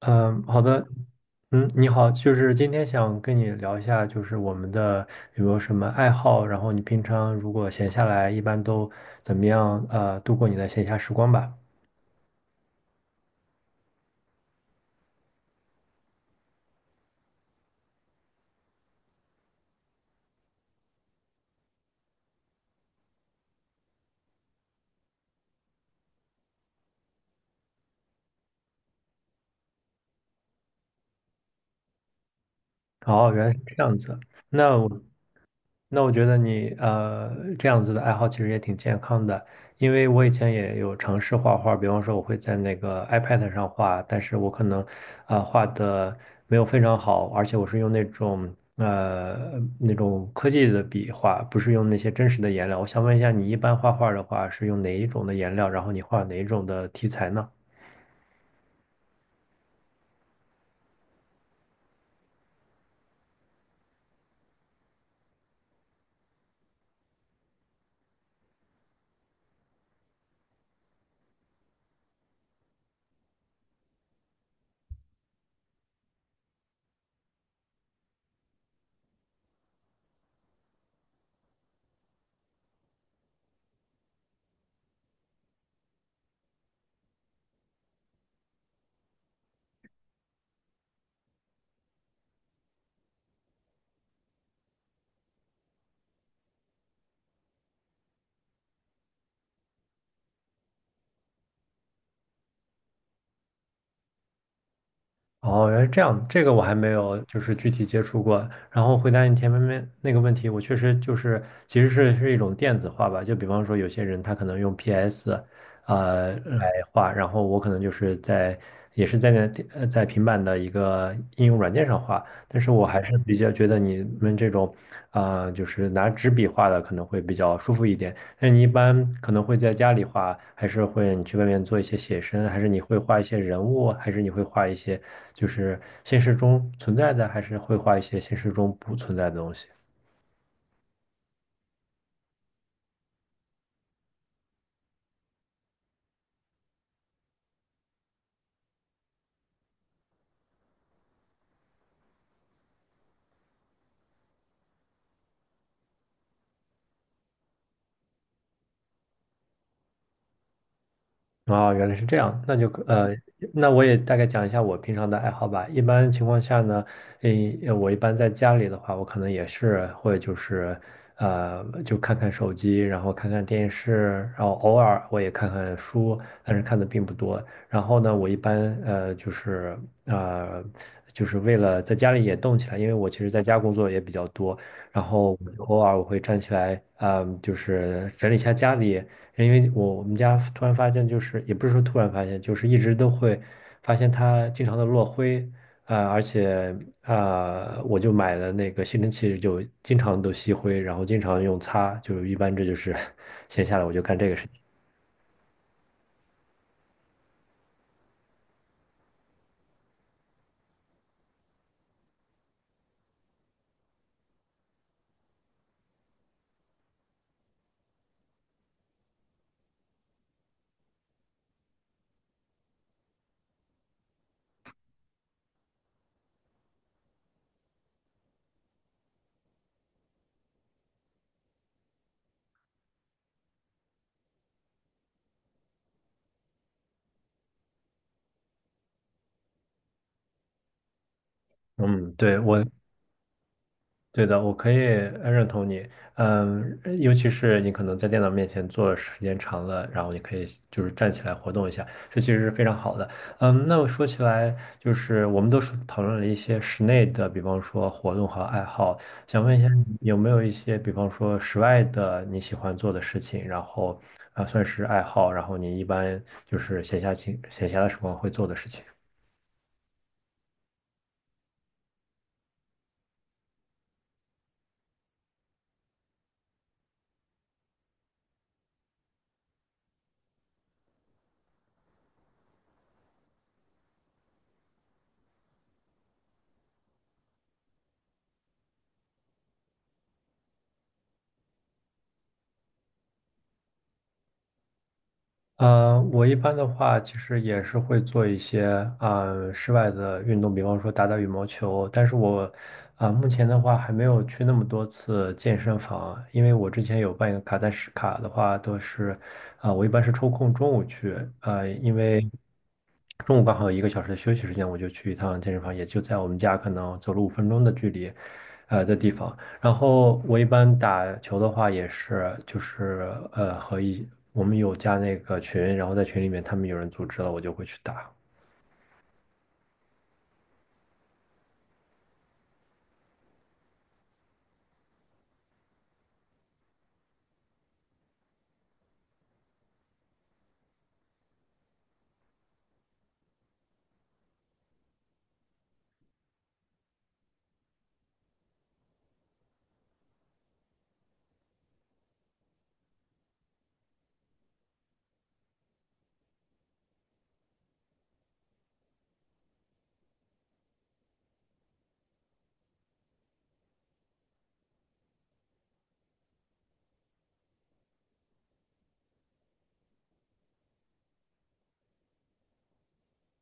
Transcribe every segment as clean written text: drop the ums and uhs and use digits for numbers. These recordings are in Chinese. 嗯，好的，嗯，你好，就是今天想跟你聊一下，就是我们的有没有什么爱好，然后你平常如果闲下来，一般都怎么样，度过你的闲暇时光吧？哦，原来是这样子。那我那我觉得你这样子的爱好其实也挺健康的，因为我以前也有尝试画画，比方说我会在那个 iPad 上画，但是我可能画的没有非常好，而且我是用那种科技的笔画，不是用那些真实的颜料。我想问一下，你一般画画的话是用哪一种的颜料，然后你画哪一种的题材呢？哦，原来这样，这个我还没有就是具体接触过。然后回答你前面那个问题，我确实就是其实是一种电子化吧，就比方说有些人他可能用 PS,呃来嗯画，然后我可能就是在也是在在平板的一个应用软件上画，但是我还是比较觉得你们这种，就是拿纸笔画的可能会比较舒服一点。那你一般可能会在家里画，还是会你去外面做一些写生，还是你会画一些人物，还是你会画一些就是现实中存在的，还是会画一些现实中不存在的东西？哦，原来是这样，那我也大概讲一下我平常的爱好吧。一般情况下呢，诶，我一般在家里的话，我可能也是会就是就看看手机，然后看看电视，然后偶尔我也看看书，但是看的并不多。然后呢，我一般呃就是为了在家里也动起来，因为我其实在家工作也比较多，然后我就偶尔我会站起来，就是整理一下家里。因为我们家突然发现，就是也不是说突然发现，就是一直都会发现它经常的落灰，而且啊我就买了那个吸尘器，就经常都吸灰，然后经常用擦，就是一般这就是 闲下来我就干这个事情。嗯，对，我。对的，我可以认同你，嗯，尤其是你可能在电脑面前坐的时间长了，然后你可以就是站起来活动一下，这其实是非常好的。嗯，那我说起来，就是我们都是讨论了一些室内的，比方说活动和爱好，想问一下你有没有一些，比方说室外的你喜欢做的事情，然后算是爱好，然后你一般就是闲暇的时光会做的事情。我一般的话，其实也是会做一些室外的运动，比方说打打羽毛球。但是我目前的话还没有去那么多次健身房，因为我之前有办一个卡，但是卡的话都是我一般是抽空中午去，因为中午刚好有1个小时的休息时间，我就去一趟健身房，也就在我们家可能走路5分钟的距离，的地方。然后我一般打球的话也是，就是呃和一我们有加那个群，然后在群里面他们有人组织了，我就会去打。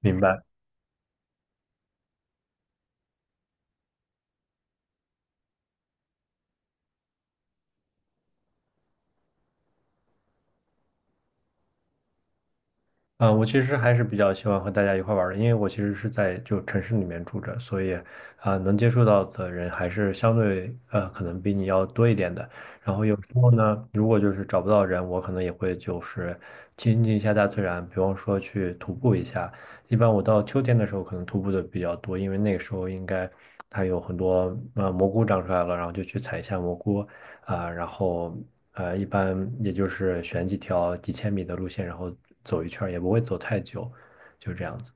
明白。我其实还是比较喜欢和大家一块儿玩儿的，因为我其实是在就城市里面住着，所以能接触到的人还是相对可能比你要多一点的。然后有时候呢，如果就是找不到人，我可能也会就是亲近一下大自然，比方说去徒步一下。一般我到秋天的时候可能徒步的比较多，因为那个时候应该它有很多蘑菇长出来了，然后就去采一下蘑菇。然后一般也就是选几条几千米的路线，然后走一圈儿也不会走太久，就这样子。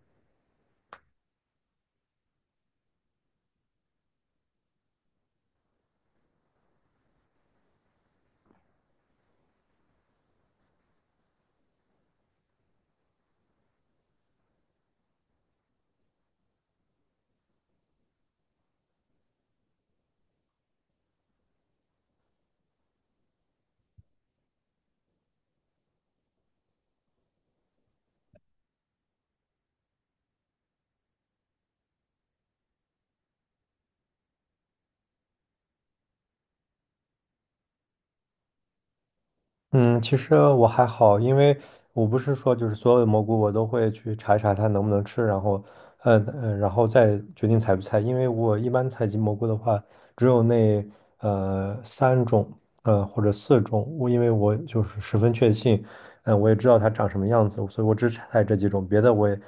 嗯，其实我还好，因为我不是说就是所有的蘑菇我都会去查一查它能不能吃，然后，然后再决定采不采。因为我一般采集蘑菇的话，只有那三种，或者四种，因为我就是十分确信，嗯，我也知道它长什么样子，所以我只采这几种，别的我也，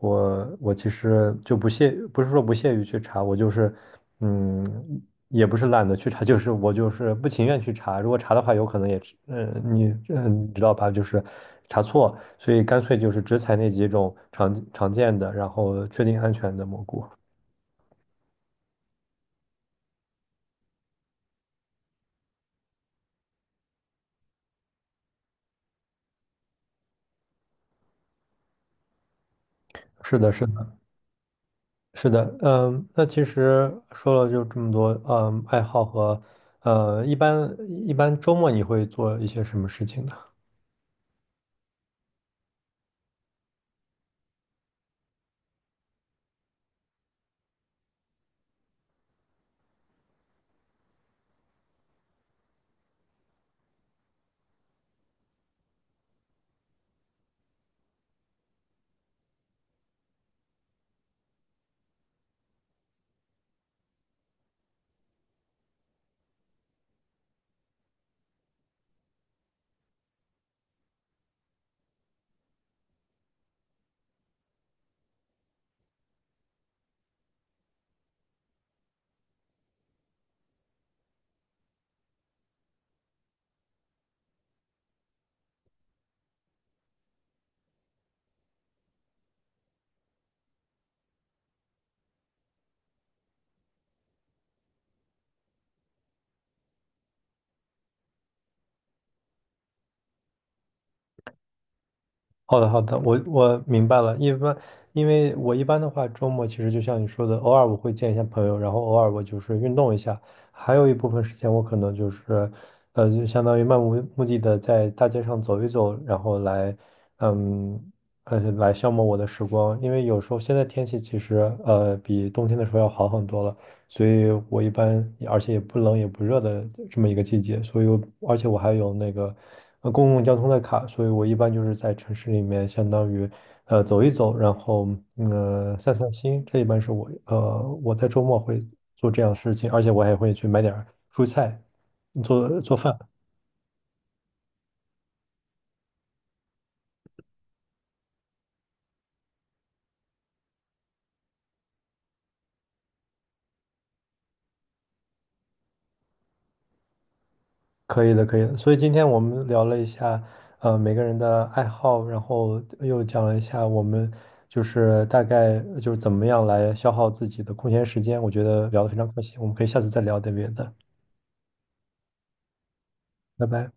我其实就不屑，不是说不屑于去查，我就是，嗯，也不是懒得去查，就是我就是不情愿去查，如果查的话，有可能也是，嗯，你知道吧，就是查错，所以干脆就是只采那几种常见的，然后确定安全的蘑菇。是的，是的。是的，嗯，那其实说了就这么多，嗯，爱好和，呃，一般一般周末你会做一些什么事情呢？好的，好的，我明白了。一般，因为我一般的话，周末其实就像你说的，偶尔我会见一下朋友，然后偶尔我就是运动一下，还有一部分时间我可能就是，就相当于漫无目的的在大街上走一走，然后来，嗯。来消磨我的时光，因为有时候现在天气其实比冬天的时候要好很多了，所以我一般而且也不冷也不热的这么一个季节，所以我而且我还有那个公共交通的卡，所以我一般就是在城市里面相当于走一走，然后散散心，这一般是我在周末会做这样的事情，而且我还会去买点儿蔬菜做做饭。可以的，可以的。所以今天我们聊了一下，每个人的爱好，然后又讲了一下我们就是大概就是怎么样来消耗自己的空闲时间。我觉得聊得非常开心，我们可以下次再聊点别的。拜拜。